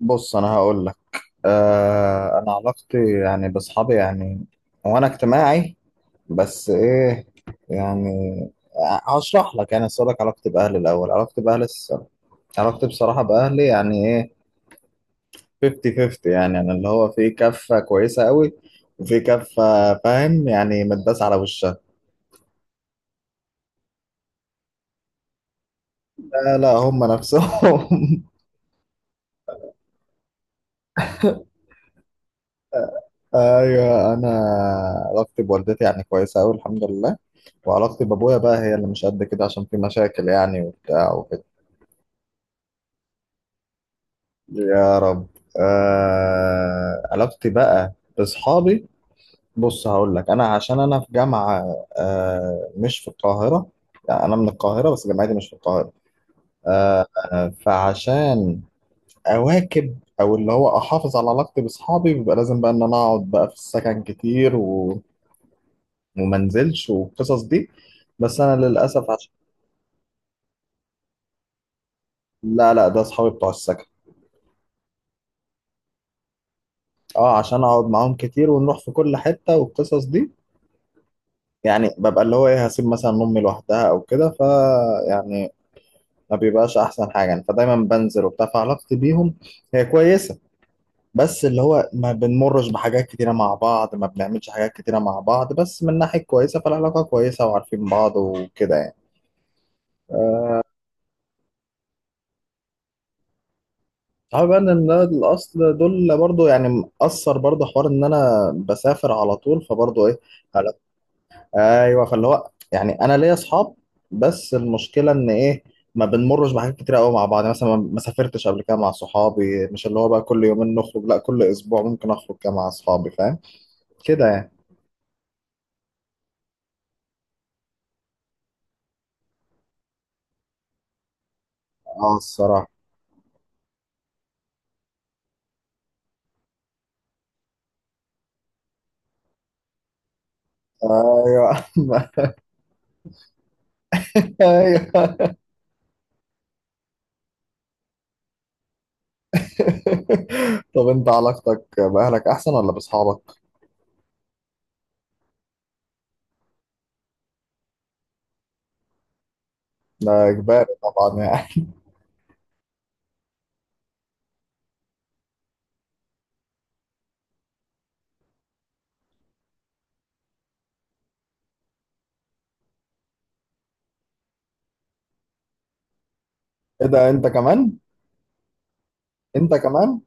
بص، انا هقول لك. انا علاقتي يعني باصحابي يعني، وانا اجتماعي، بس ايه يعني. هشرح لك، يعني اسالك علاقتي باهلي الاول. علاقتي باهلي علاقتي بصراحه باهلي يعني ايه؟ 50 50 يعني، يعني اللي هو في كفه كويسه قوي، وفي كفه، فاهم يعني، متداس على وشها. لا لا، هم نفسهم. ايوه انا، علاقتي بوالدتي يعني كويسه قوي الحمد لله. وعلاقتي بابويا بقى هي اللي مش قد كده، عشان في مشاكل يعني وبتاع وكده. يا رب. علاقتي بقى باصحابي، بص هقول لك. انا عشان انا في جامعه، مش في القاهره. يعني انا من القاهره، بس جامعتي مش في القاهره. آه. فعشان اواكب، او اللي هو احافظ على علاقتي باصحابي، بيبقى لازم بقى ان انا اقعد بقى في السكن كتير وما انزلش والقصص دي. بس انا للاسف عشان. لا لا، ده اصحابي بتوع السكن. اه، عشان اقعد معاهم كتير ونروح في كل حته والقصص دي. يعني ببقى اللي هو ايه، هسيب مثلا امي لوحدها او كده، ف يعني ما بيبقاش احسن حاجه يعني، فدايما بنزل وبتاع. فعلاقتي بيهم هي كويسه، بس اللي هو ما بنمرش بحاجات كتيره مع بعض، ما بنعملش حاجات كتيره مع بعض، بس من ناحيه كويسه. فالعلاقه كويسه، وعارفين بعض وكده يعني. صعب بقى ان ده الاصل، دول برضو يعني مأثر. برضو حوار ان انا بسافر على طول، فبرضو ايه. على- ايوه، فاللي هو يعني انا ليا اصحاب، بس المشكله ان ايه، ما بنمرش بحاجات كتير قوي مع بعض. يعني مثلا ما سافرتش قبل كده مع صحابي، مش اللي هو بقى كل يومين نخرج، لا، كل اسبوع ممكن اخرج كده مع اصحابي، فاهم، كده يعني. اه الصراحه. ايوه. ايوه. طب انت علاقتك باهلك احسن ولا باصحابك؟ ده اجباري طبعا يعني. ايه ده، انت كمان. انت كمان.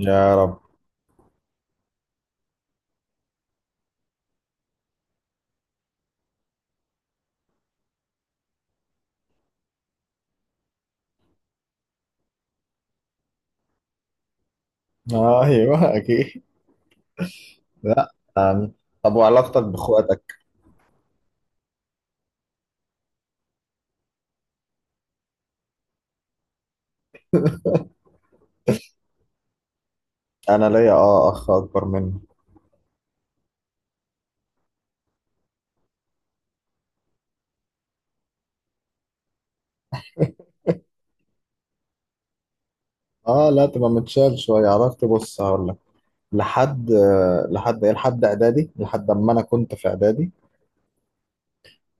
يا رب. ايوه اكيد. لا. أم. طب وعلاقتك باخواتك؟ انا ليا اه اخ اكبر مني. اه، لا تبقى متشال شويه. علاقتي، بص هقول لك، لحد لحد ايه، لحد اعدادي، لحد اما انا كنت في اعدادي.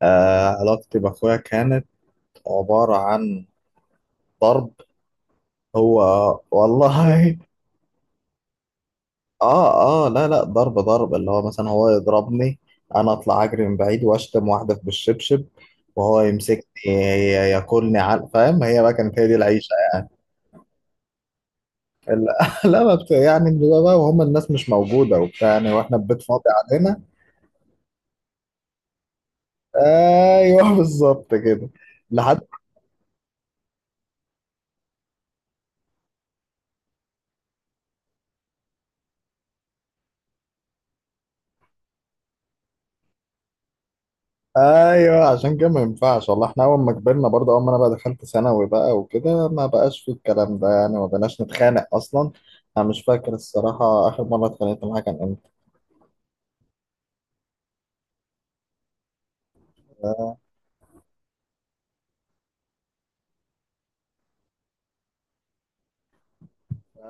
علاقتي باخويا كانت عباره عن ضرب. هو والله. اه اه، لا لا، ضرب ضرب اللي هو مثلا هو يضربني، انا اطلع اجري من بعيد واشتم واحده في بالشبشب، وهو يمسكني ياكلني على، فاهم. هي بقى كانت هي دي العيشه. لا لا، ما بت... يعني بيبقى بقى وهم الناس مش موجوده وبتاع، يعني واحنا البيت فاضي علينا. ايوه بالظبط كده. لحد. ايوه، عشان كده ما ينفعش والله. احنا اول ما كبرنا برضه، اول ما انا بقى دخلت ثانوي بقى وكده، ما بقاش في الكلام ده يعني، ما بقناش نتخانق اصلا. انا مش فاكر الصراحه اخر مره اتخانقت معاها كان امتى.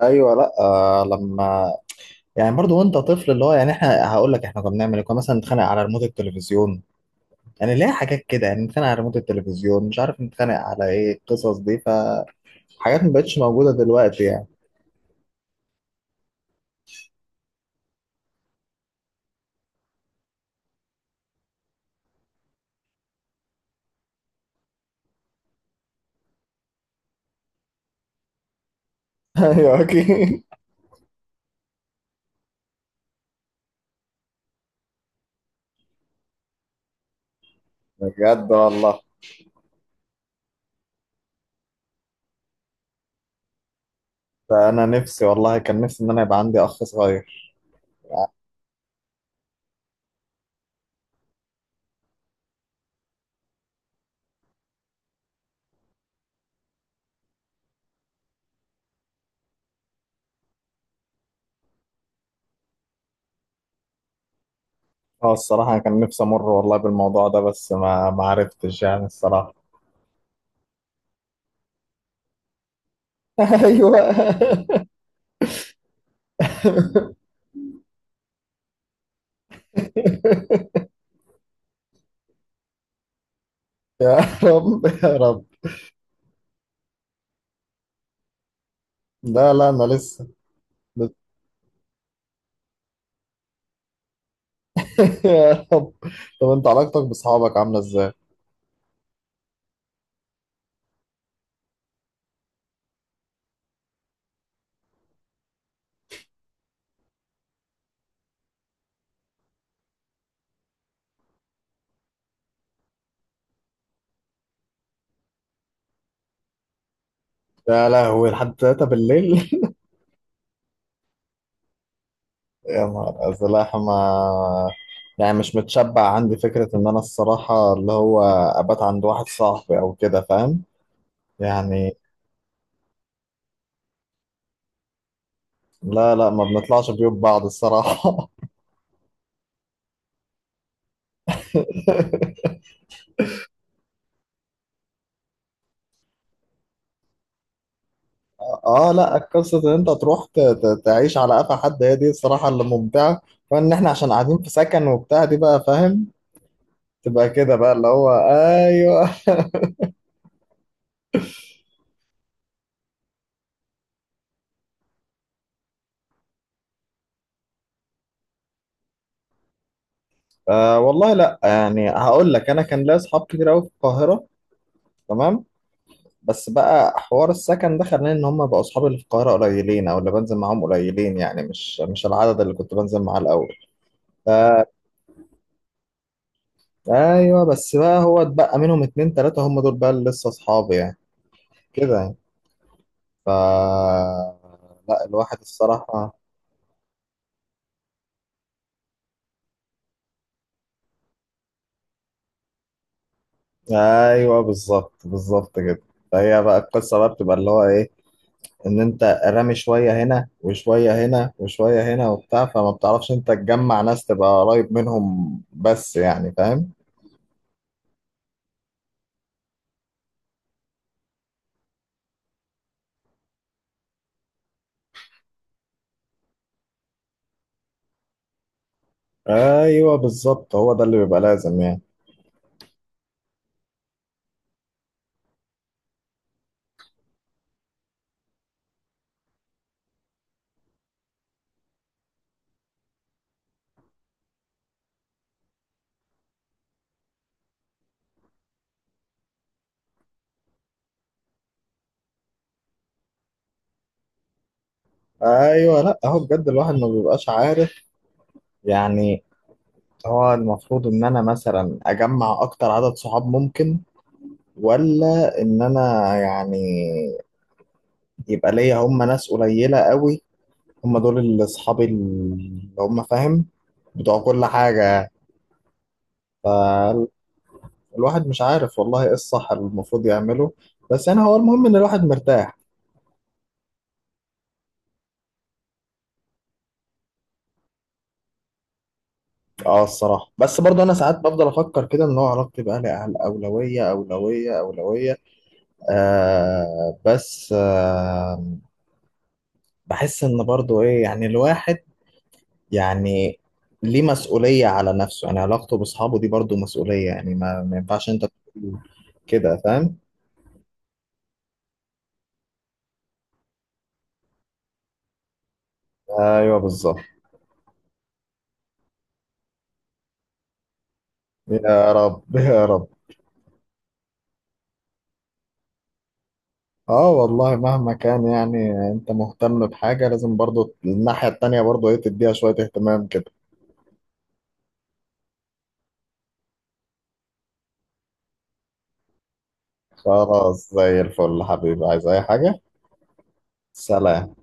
ايوه. لا لما يعني برضو وانت طفل اللي هو يعني احنا. هقول لك احنا كنا بنعمل ايه، كنا مثلا نتخانق على ريموت التلفزيون. يعني ليه حاجات كده يعني، نتخانق على ريموت التلفزيون، مش عارف نتخانق على ايه. القصص دي فحاجات ما بقتش موجوده دلوقتي يعني. ايوه اكيد. بجد والله. ده انا نفسي، والله كان نفسي ان انا يبقى عندي اخ صغير. اه الصراحه، أنا كان نفسي امر والله بالموضوع ده، بس ما عرفتش يعني الصراحه. ايوه. يا رب يا رب. لا لا، انا لسه. يا رب. طب انت علاقتك بصحابك عامله ازاي؟ يا لهوي، لحد 3 بالليل. يا نهار ازرق. ما يعني مش متشبع عندي فكره ان انا الصراحه اللي هو ابات عند واحد صاحبي او كده، فاهم؟ يعني. لا لا، ما بنطلعش بيوت بعض الصراحه. اه، لا، قصه ان انت تروح تعيش على قفا حد، هي دي الصراحه اللي ممتعه. فان احنا عشان قاعدين في سكن وبتاع دي بقى، فاهم؟ تبقى كده بقى اللي هو ايوه. أه والله، لا يعني هقول لك انا كان ليا اصحاب كتير قوي في القاهره، تمام. بس بقى حوار السكن ده خلاني ان هم بقوا اصحابي اللي في القاهره قليلين، او اللي بنزل معاهم قليلين يعني، مش مش العدد اللي كنت بنزل معاه الاول. ف... ايوه، بس بقى هو اتبقى منهم اتنين تلاته، هم دول بقى اللي لسه اصحابي يعني، كده يعني، ف لا الواحد الصراحه. ايوه بالظبط، بالظبط كده. فهي بقى القصه بقى بتبقى اللي هو ايه، ان انت رامي شويه هنا وشويه هنا وشويه هنا وبتاع، فما بتعرفش انت تجمع ناس تبقى قريب منهم بس يعني، فاهم. ايوه بالظبط، هو ده اللي بيبقى لازم يعني. ايوه، لا هو بجد الواحد ما بيبقاش عارف يعني. هو المفروض ان انا مثلا اجمع اكتر عدد صحاب ممكن، ولا ان انا يعني يبقى ليا هم ناس قليله قوي، هم دول اللي اصحابي اللي هم فاهم، بتوع كل حاجه. الواحد مش عارف والله ايه الصح اللي المفروض يعمله. بس يعني هو المهم ان الواحد مرتاح. اه الصراحة. بس برضه انا ساعات بفضل افكر كده ان هو علاقتي باهلي اولوية اولوية اولوية. آه بس آه، بحس ان برضه ايه يعني الواحد يعني ليه مسؤولية على نفسه، يعني علاقته باصحابه دي برضه مسؤولية يعني. ما ينفعش انت تقول كده، فاهم. ايوه بالظبط. يا رب يا رب. اه والله مهما كان، يعني انت مهتم بحاجة، لازم برضو الناحية التانية برضو ايه تديها شوية اهتمام كده. خلاص زي الفل حبيبي، عايز اي حاجة؟ سلام.